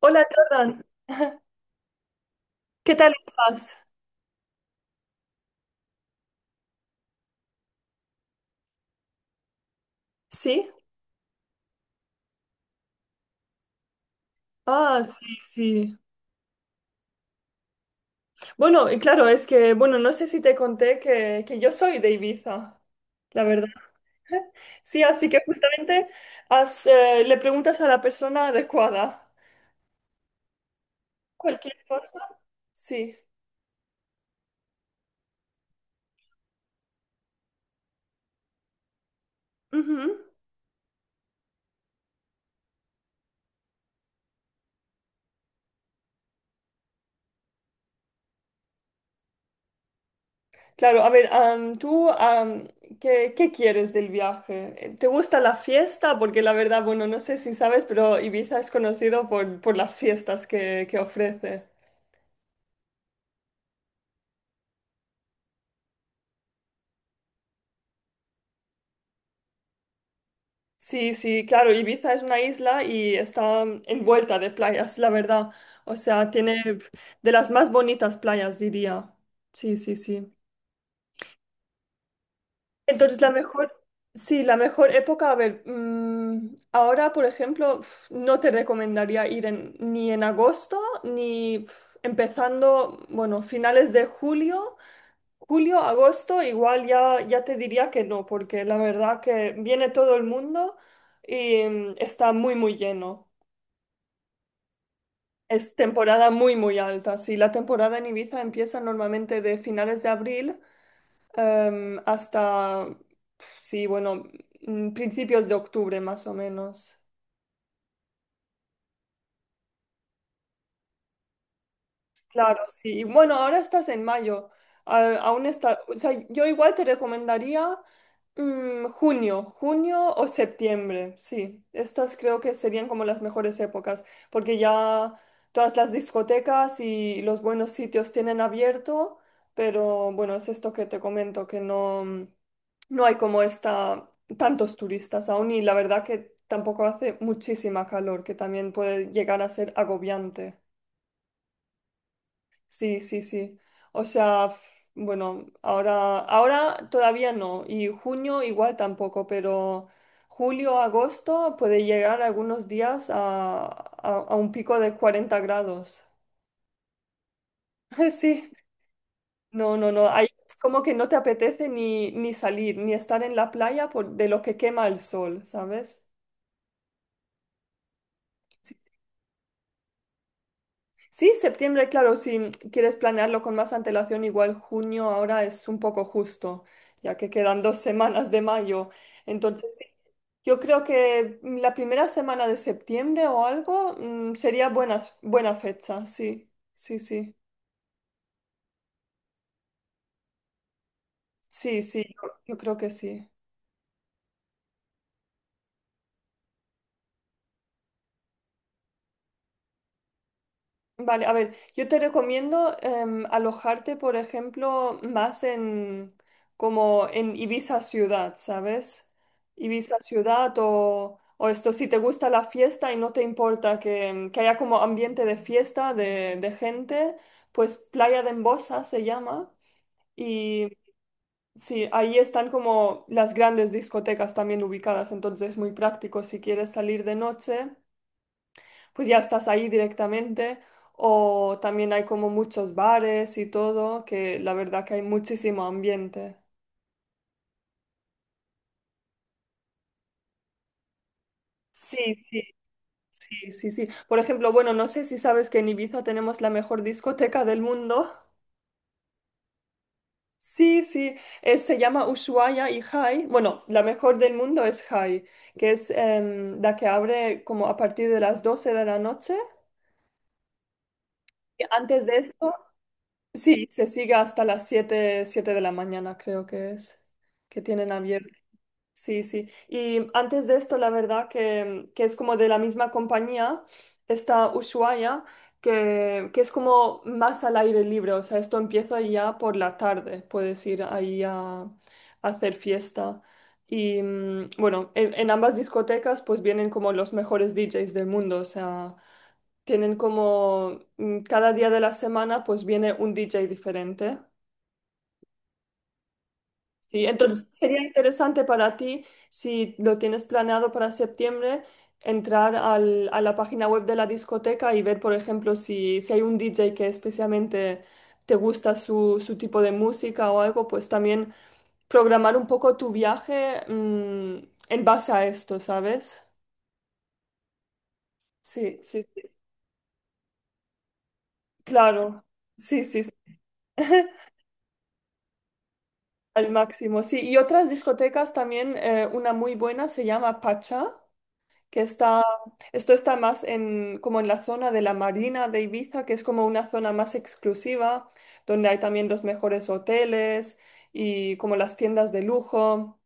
Hola Jordan, ¿qué tal estás? ¿Sí? Ah, sí, sí. Bueno, y claro, es que, bueno, no sé si te conté que yo soy de Ibiza, la verdad. Sí, así que justamente haz, le preguntas a la persona adecuada. ¿Cualquier cosa? Sí. Ujú. Claro, a ver, tú, qué quieres del viaje? ¿Te gusta la fiesta? Porque la verdad, bueno, no sé si sabes, pero Ibiza es conocido por las fiestas que ofrece. Sí, sí, claro, Ibiza es una isla y está envuelta de playas, la verdad. O sea, tiene de las más bonitas playas, diría. Sí, sí, sí. Entonces, la mejor, sí, la mejor época, a ver, ahora, por ejemplo, no te recomendaría ni en agosto, ni empezando, bueno, finales de julio. Julio, agosto, igual ya, ya te diría que no, porque la verdad que viene todo el mundo y está muy, muy lleno. Es temporada muy, muy alta. Sí, la temporada en Ibiza empieza normalmente de finales de abril hasta, sí, bueno, principios de octubre más o menos. Claro, sí. Y bueno, ahora estás en mayo. Aún está, o sea, yo igual te recomendaría junio, junio o septiembre. Sí, estas creo que serían como las mejores épocas, porque ya todas las discotecas y los buenos sitios tienen abierto, pero bueno, es esto que te comento, que no, no hay como esta tantos turistas aún y la verdad que tampoco hace muchísima calor, que también puede llegar a ser agobiante. Sí, sí, sí. O sea, bueno, ahora, ahora todavía no. Y junio igual tampoco, pero julio, agosto puede llegar algunos días a un pico de 40 grados. Sí, no, no, no. Ahí es como que no te apetece ni, ni salir, ni estar en la playa por, de lo que quema el sol, ¿sabes? Sí, septiembre, claro, si quieres planearlo con más antelación, igual junio ahora es un poco justo, ya que quedan dos semanas de mayo. Entonces, sí, yo creo que la primera semana de septiembre o algo sería buenas, buena fecha, sí, sí, sí, sí, sí, yo creo que sí. Vale, a ver, yo te recomiendo alojarte, por ejemplo, más en como en Ibiza ciudad, ¿sabes? Ibiza ciudad o esto, si te gusta la fiesta y no te importa que, que haya como ambiente de fiesta, de gente, pues Playa de Embosa se llama. Y sí, ahí están como las grandes discotecas también ubicadas, entonces es muy práctico si quieres salir de noche pues ya estás ahí directamente. O también hay como muchos bares y todo, que la verdad que hay muchísimo ambiente. Sí, sí, sí, sí, sí. Por ejemplo, bueno, no sé si sabes que en Ibiza tenemos la mejor discoteca del mundo. Sí, sí, se llama Ushuaia y Jai. Bueno, la mejor del mundo es Jai, que es la que abre como a partir de las 12 de la noche. Y antes de eso, sí, se sigue hasta las 7 de la mañana, creo que es, que tienen abierto. Sí, sí. Y antes de esto, la verdad que es como de la misma compañía, está Ushuaia, que es como más al aire libre. O sea, esto empieza ya por la tarde. Puedes ir ahí a hacer fiesta. Y bueno, en ambas discotecas pues vienen como los mejores DJs del mundo. O sea, tienen como cada día de la semana pues viene un DJ diferente. Sí, entonces sería interesante para ti, si lo tienes planeado para septiembre, a la página web de la discoteca y ver, por ejemplo, si hay un DJ que especialmente te gusta su tipo de música o algo, pues también programar un poco tu viaje, en base a esto, ¿sabes? Sí, sí, sí, claro. Sí, sí, sí. Al máximo, sí. Y otras discotecas también, una muy buena se llama Pacha. Que está, esto está más en, como en la zona de la Marina de Ibiza, que es como una zona más exclusiva, donde hay también los mejores hoteles y como las tiendas de lujo.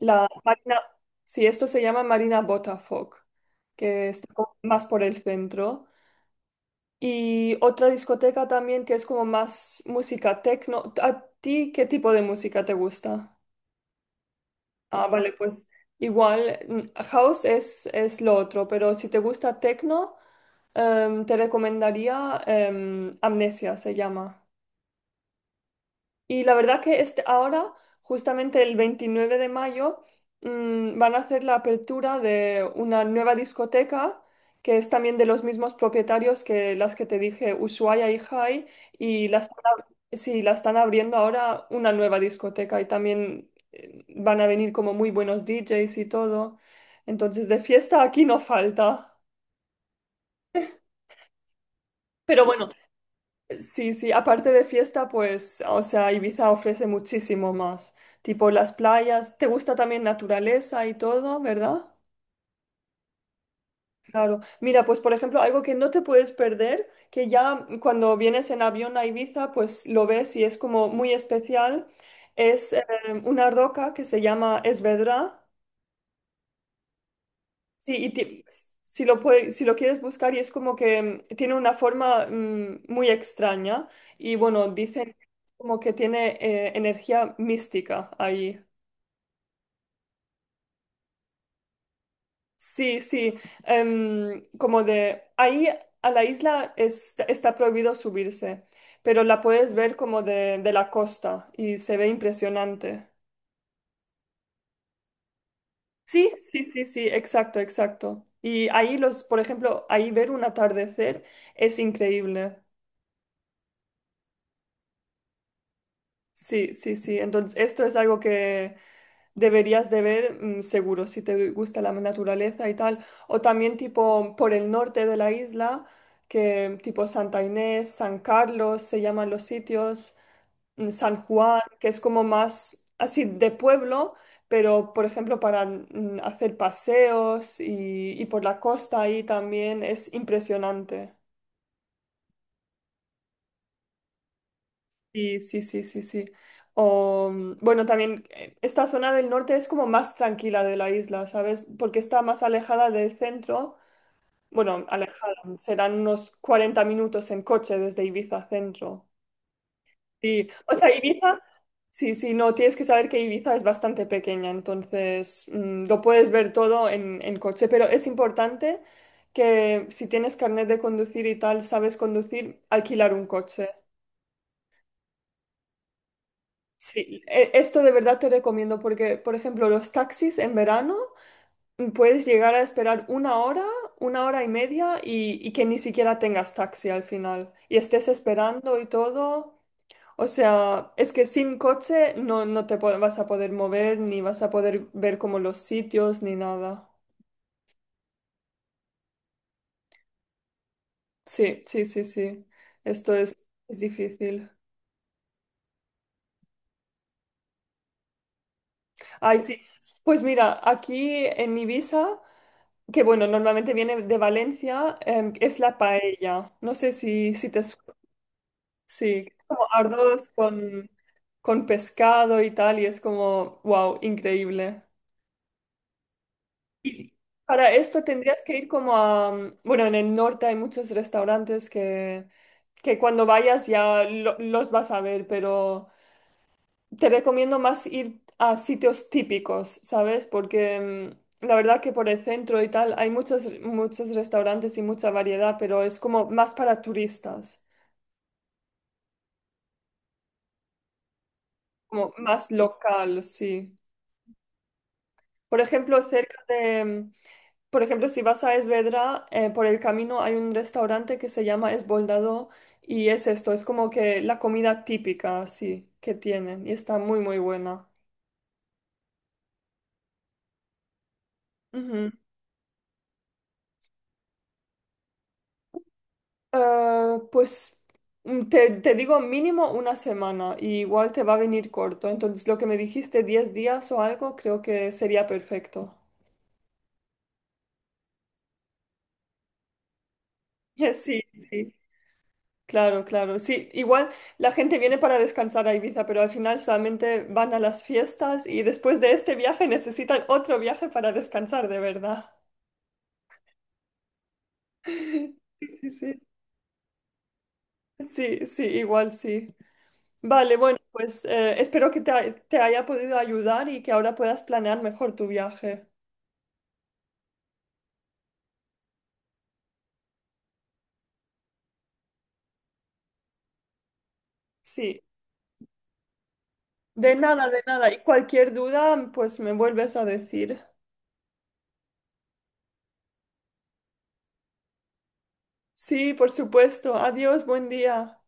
La Marina, sí, esto se llama Marina Botafoc, que está como más por el centro. Y otra discoteca también que es como más música techno. ¿A ti qué tipo de música te gusta? Ah, vale, pues igual, house es lo otro, pero si te gusta techno... te recomendaría Amnesia, se llama. Y la verdad que este, ahora, justamente el 29 de mayo, van a hacer la apertura de una nueva discoteca que es también de los mismos propietarios que las que te dije, Ushuaia y Jai, y la sí, la están abriendo ahora una nueva discoteca y también van a venir como muy buenos DJs y todo. Entonces, de fiesta aquí no falta. Pero bueno, sí, sí, aparte de fiesta, pues, o sea, Ibiza ofrece muchísimo más. Tipo las playas, te gusta también naturaleza y todo, ¿verdad? Claro. Mira, pues por ejemplo, algo que no te puedes perder, que ya cuando vienes en avión a Ibiza, pues lo ves y es como muy especial, es una roca que se llama Esvedra. Sí, si lo quieres buscar y es como que tiene una forma muy extraña y bueno, dicen como que tiene energía mística ahí. Sí, sí, como de ahí a la isla está prohibido subirse, pero la puedes ver como de la costa y se ve impresionante. Sí, sí, sí, sí, exacto, exacto. Y ahí los, por ejemplo, ahí ver un atardecer es increíble. Sí, sí, sí. Entonces, esto es algo que deberías de ver seguro si te gusta la naturaleza y tal. O también tipo por el norte de la isla, que tipo Santa Inés, San Carlos se llaman los sitios, San Juan, que es como más así de pueblo, pero por ejemplo para hacer paseos y por la costa ahí también es impresionante. Sí, sí, sí, sí, sí. O, bueno, también esta zona del norte es como más tranquila de la isla, ¿sabes? Porque está más alejada del centro. Bueno, alejada, serán unos 40 minutos en coche desde Ibiza centro. Sí, o sea, Ibiza, sí, sí, no, tienes que saber que Ibiza es bastante pequeña, entonces lo puedes ver todo en coche, pero es importante que si tienes carnet de conducir y tal, sabes conducir, alquilar un coche. Sí, esto de verdad te recomiendo porque, por ejemplo, los taxis en verano puedes llegar a esperar una hora y media y que ni siquiera tengas taxi al final y estés esperando y todo. O sea, es que sin coche no, vas a poder mover ni vas a poder ver como los sitios ni nada. Sí, sí, sí, sí. Esto es difícil. Ay, sí. Pues mira, aquí en Ibiza, que bueno, normalmente viene de Valencia, es la paella. No sé si te suena. Sí, es como arroz con pescado y tal, y es como, wow, increíble. Y para esto tendrías que ir como a, bueno, en el norte hay muchos restaurantes que cuando vayas ya los vas a ver, pero te recomiendo más ir a sitios típicos, ¿sabes? Porque la verdad que por el centro y tal hay muchos, muchos restaurantes y mucha variedad, pero es como más para turistas, como más local, sí. Por ejemplo, cerca de, por ejemplo, si vas a Esvedra, por el camino hay un restaurante que se llama Esboldado y es esto, es como que la comida típica, sí, que tienen y está muy, muy buena. Pues te, te digo mínimo una semana y igual te va a venir corto. Entonces lo que me dijiste, 10 días o algo, creo que sería perfecto. Sí, sí. Claro, claro. Sí, igual la gente viene para descansar a Ibiza, pero al final solamente van a las fiestas y después de este viaje necesitan otro viaje para descansar de verdad. Sí, sí, sí, sí, igual sí. Vale, bueno, pues espero que te haya podido ayudar y que ahora puedas planear mejor tu viaje. Sí, de nada, de nada. Y cualquier duda, pues me vuelves a decir. Sí, por supuesto. Adiós, buen día.